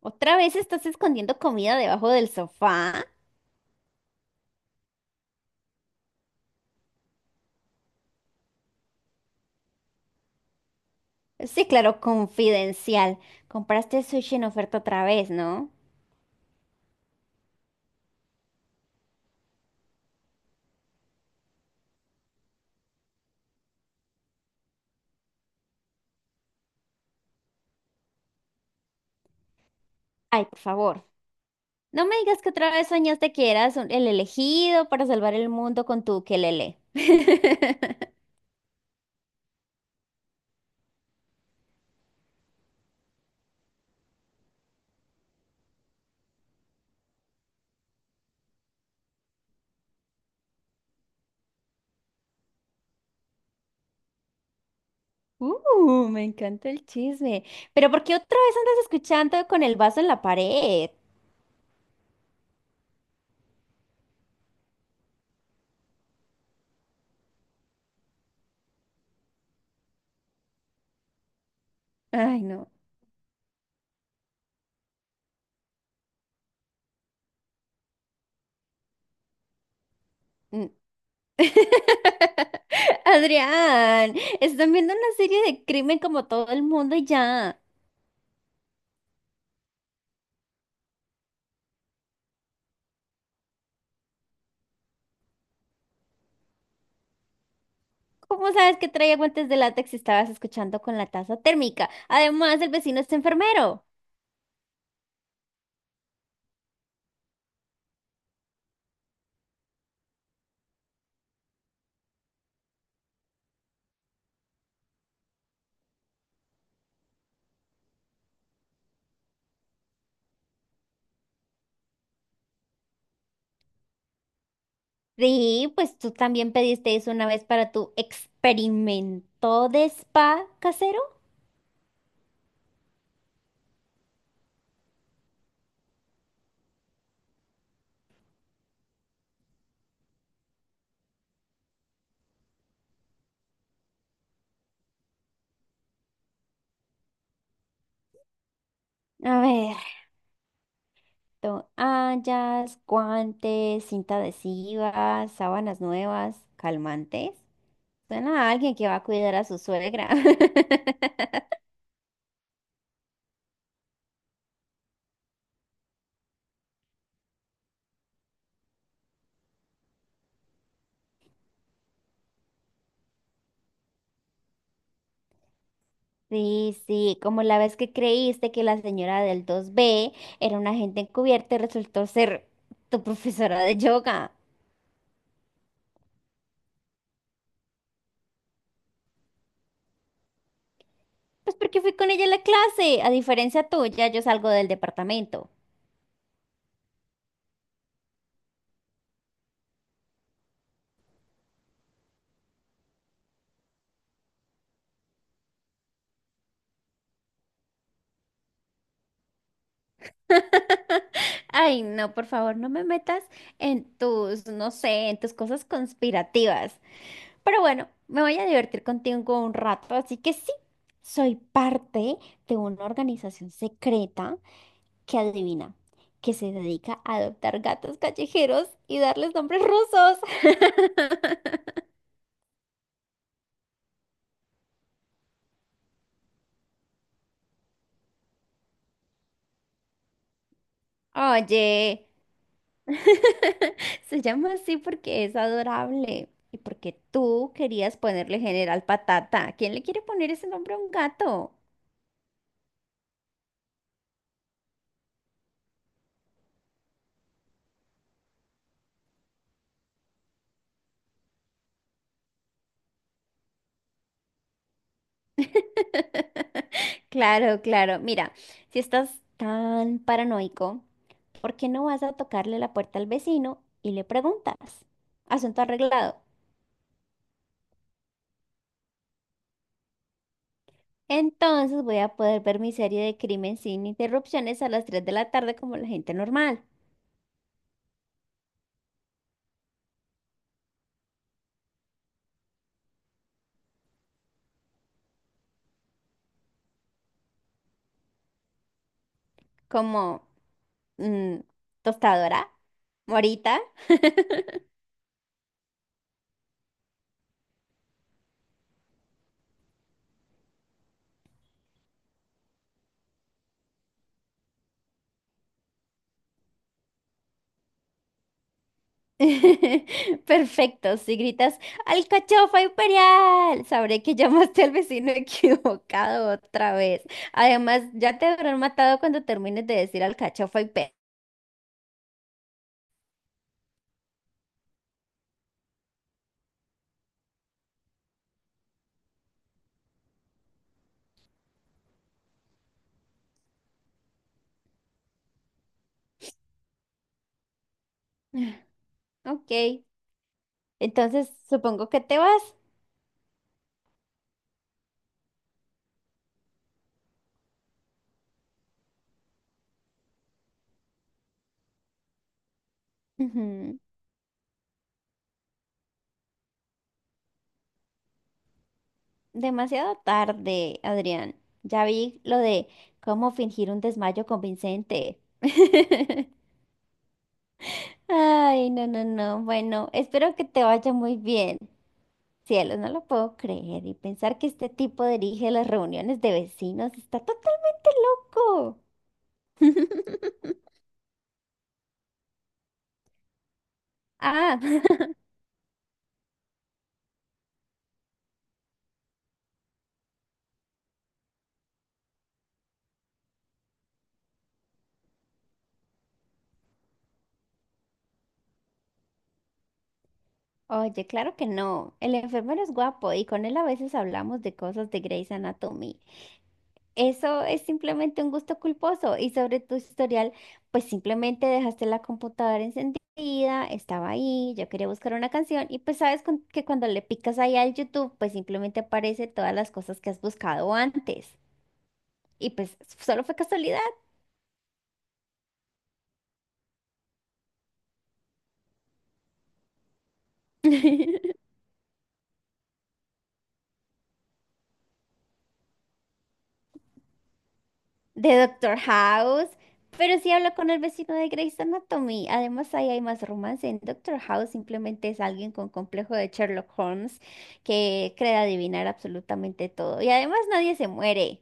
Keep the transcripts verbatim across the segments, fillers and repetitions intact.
¿Otra vez estás escondiendo comida debajo del sofá? Sí, claro, confidencial. Compraste sushi en oferta otra vez, ¿no? Ay, por favor. No me digas que otra vez soñaste que eras un- el elegido para salvar el mundo con tu ukelele. Uh, me encanta el chisme. Pero ¿por qué otra vez andas escuchando con el vaso en la pared? Ay, no. Mm. Adrián, están viendo una serie de crimen como todo el mundo y ya. ¿Cómo sabes que traía guantes de látex si estabas escuchando con la taza térmica? Además, el vecino es enfermero. Sí, pues tú también pediste eso una vez para tu experimento de spa casero. A ver, toallas, guantes, cinta adhesiva, sábanas nuevas, calmantes. Suena a alguien que va a cuidar a su suegra. Sí, sí, como la vez que creíste que la señora del dos B era una agente encubierta y resultó ser tu profesora de yoga. Pues porque fui con ella a la clase, a diferencia tuya, yo salgo del departamento. Ay, no, por favor, no me metas en tus, no sé, en tus cosas conspirativas. Pero bueno, me voy a divertir contigo un rato, así que sí, soy parte de una organización secreta que adivina, que se dedica a adoptar gatos callejeros y darles nombres rusos. Oye, se llama así porque es adorable y porque tú querías ponerle General Patata. ¿Quién le quiere poner ese nombre a un gato? Claro, claro. Mira, si estás tan paranoico, ¿por qué no vas a tocarle la puerta al vecino y le preguntas? Asunto arreglado. Entonces voy a poder ver mi serie de crimen sin interrupciones a las tres de la tarde como la gente normal, como mm, tostadora, morita. Perfecto, si gritas ¡Alcachofa Imperial! Sabré que llamaste al vecino equivocado otra vez. Además, ya te habrán matado cuando termines de decir alcachofa Imperial. Ok, entonces supongo que te vas. Demasiado tarde, Adrián. Ya vi lo de cómo fingir un desmayo convincente. Ay, no, no, no. Bueno, espero que te vaya muy bien. Cielos, no lo puedo creer y pensar que este tipo dirige las reuniones de vecinos está total loco. Ah, oye, claro que no. El enfermero es guapo y con él a veces hablamos de cosas de Grey's Anatomy. Eso es simplemente un gusto culposo y sobre tu historial, pues simplemente dejaste la computadora encendida, estaba ahí, yo quería buscar una canción y pues sabes con- que cuando le picas ahí al YouTube, pues simplemente aparece todas las cosas que has buscado antes y pues solo fue casualidad. De Doctor House, pero sí hablo con el vecino de Grey's Anatomy. Además, ahí hay más romance. En Doctor House simplemente es alguien con complejo de Sherlock Holmes que cree adivinar absolutamente todo. Y además nadie se muere.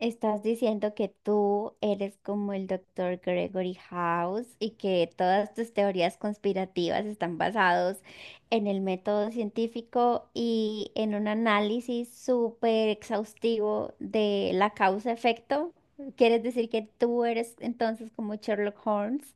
Estás diciendo que tú eres como el doctor Gregory House y que todas tus teorías conspirativas están basados en el método científico y en un análisis súper exhaustivo de la causa-efecto. ¿Quieres decir que tú eres entonces como Sherlock Holmes?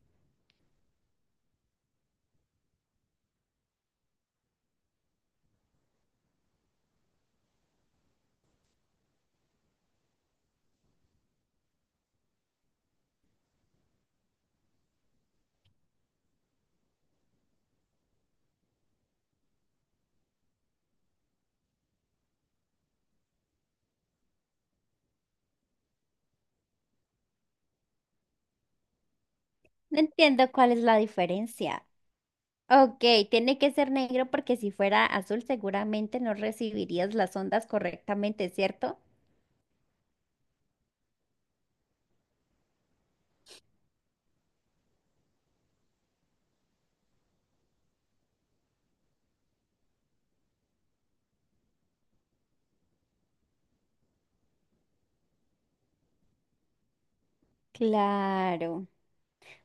No entiendo cuál es la diferencia. Ok, tiene que ser negro porque si fuera azul seguramente no recibirías las ondas correctamente, ¿cierto? Claro.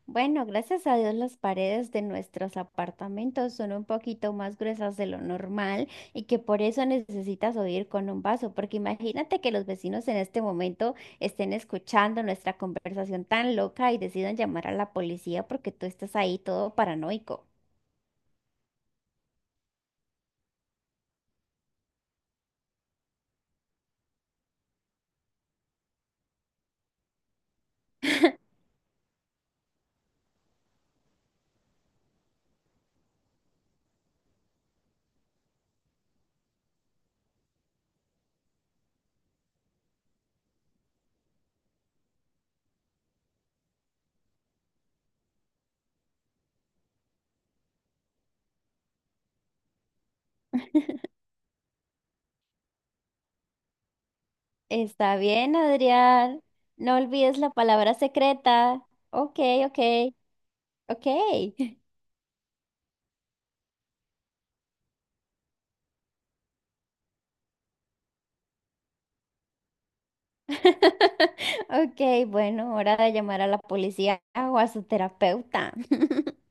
Bueno, gracias a Dios las paredes de nuestros apartamentos son un poquito más gruesas de lo normal y que por eso necesitas oír con un vaso, porque imagínate que los vecinos en este momento estén escuchando nuestra conversación tan loca y decidan llamar a la policía porque tú estás ahí todo paranoico. Está bien, Adrián. No olvides la palabra secreta. Ok, ok, ok. Ok, bueno, hora de llamar a la policía o a su terapeuta.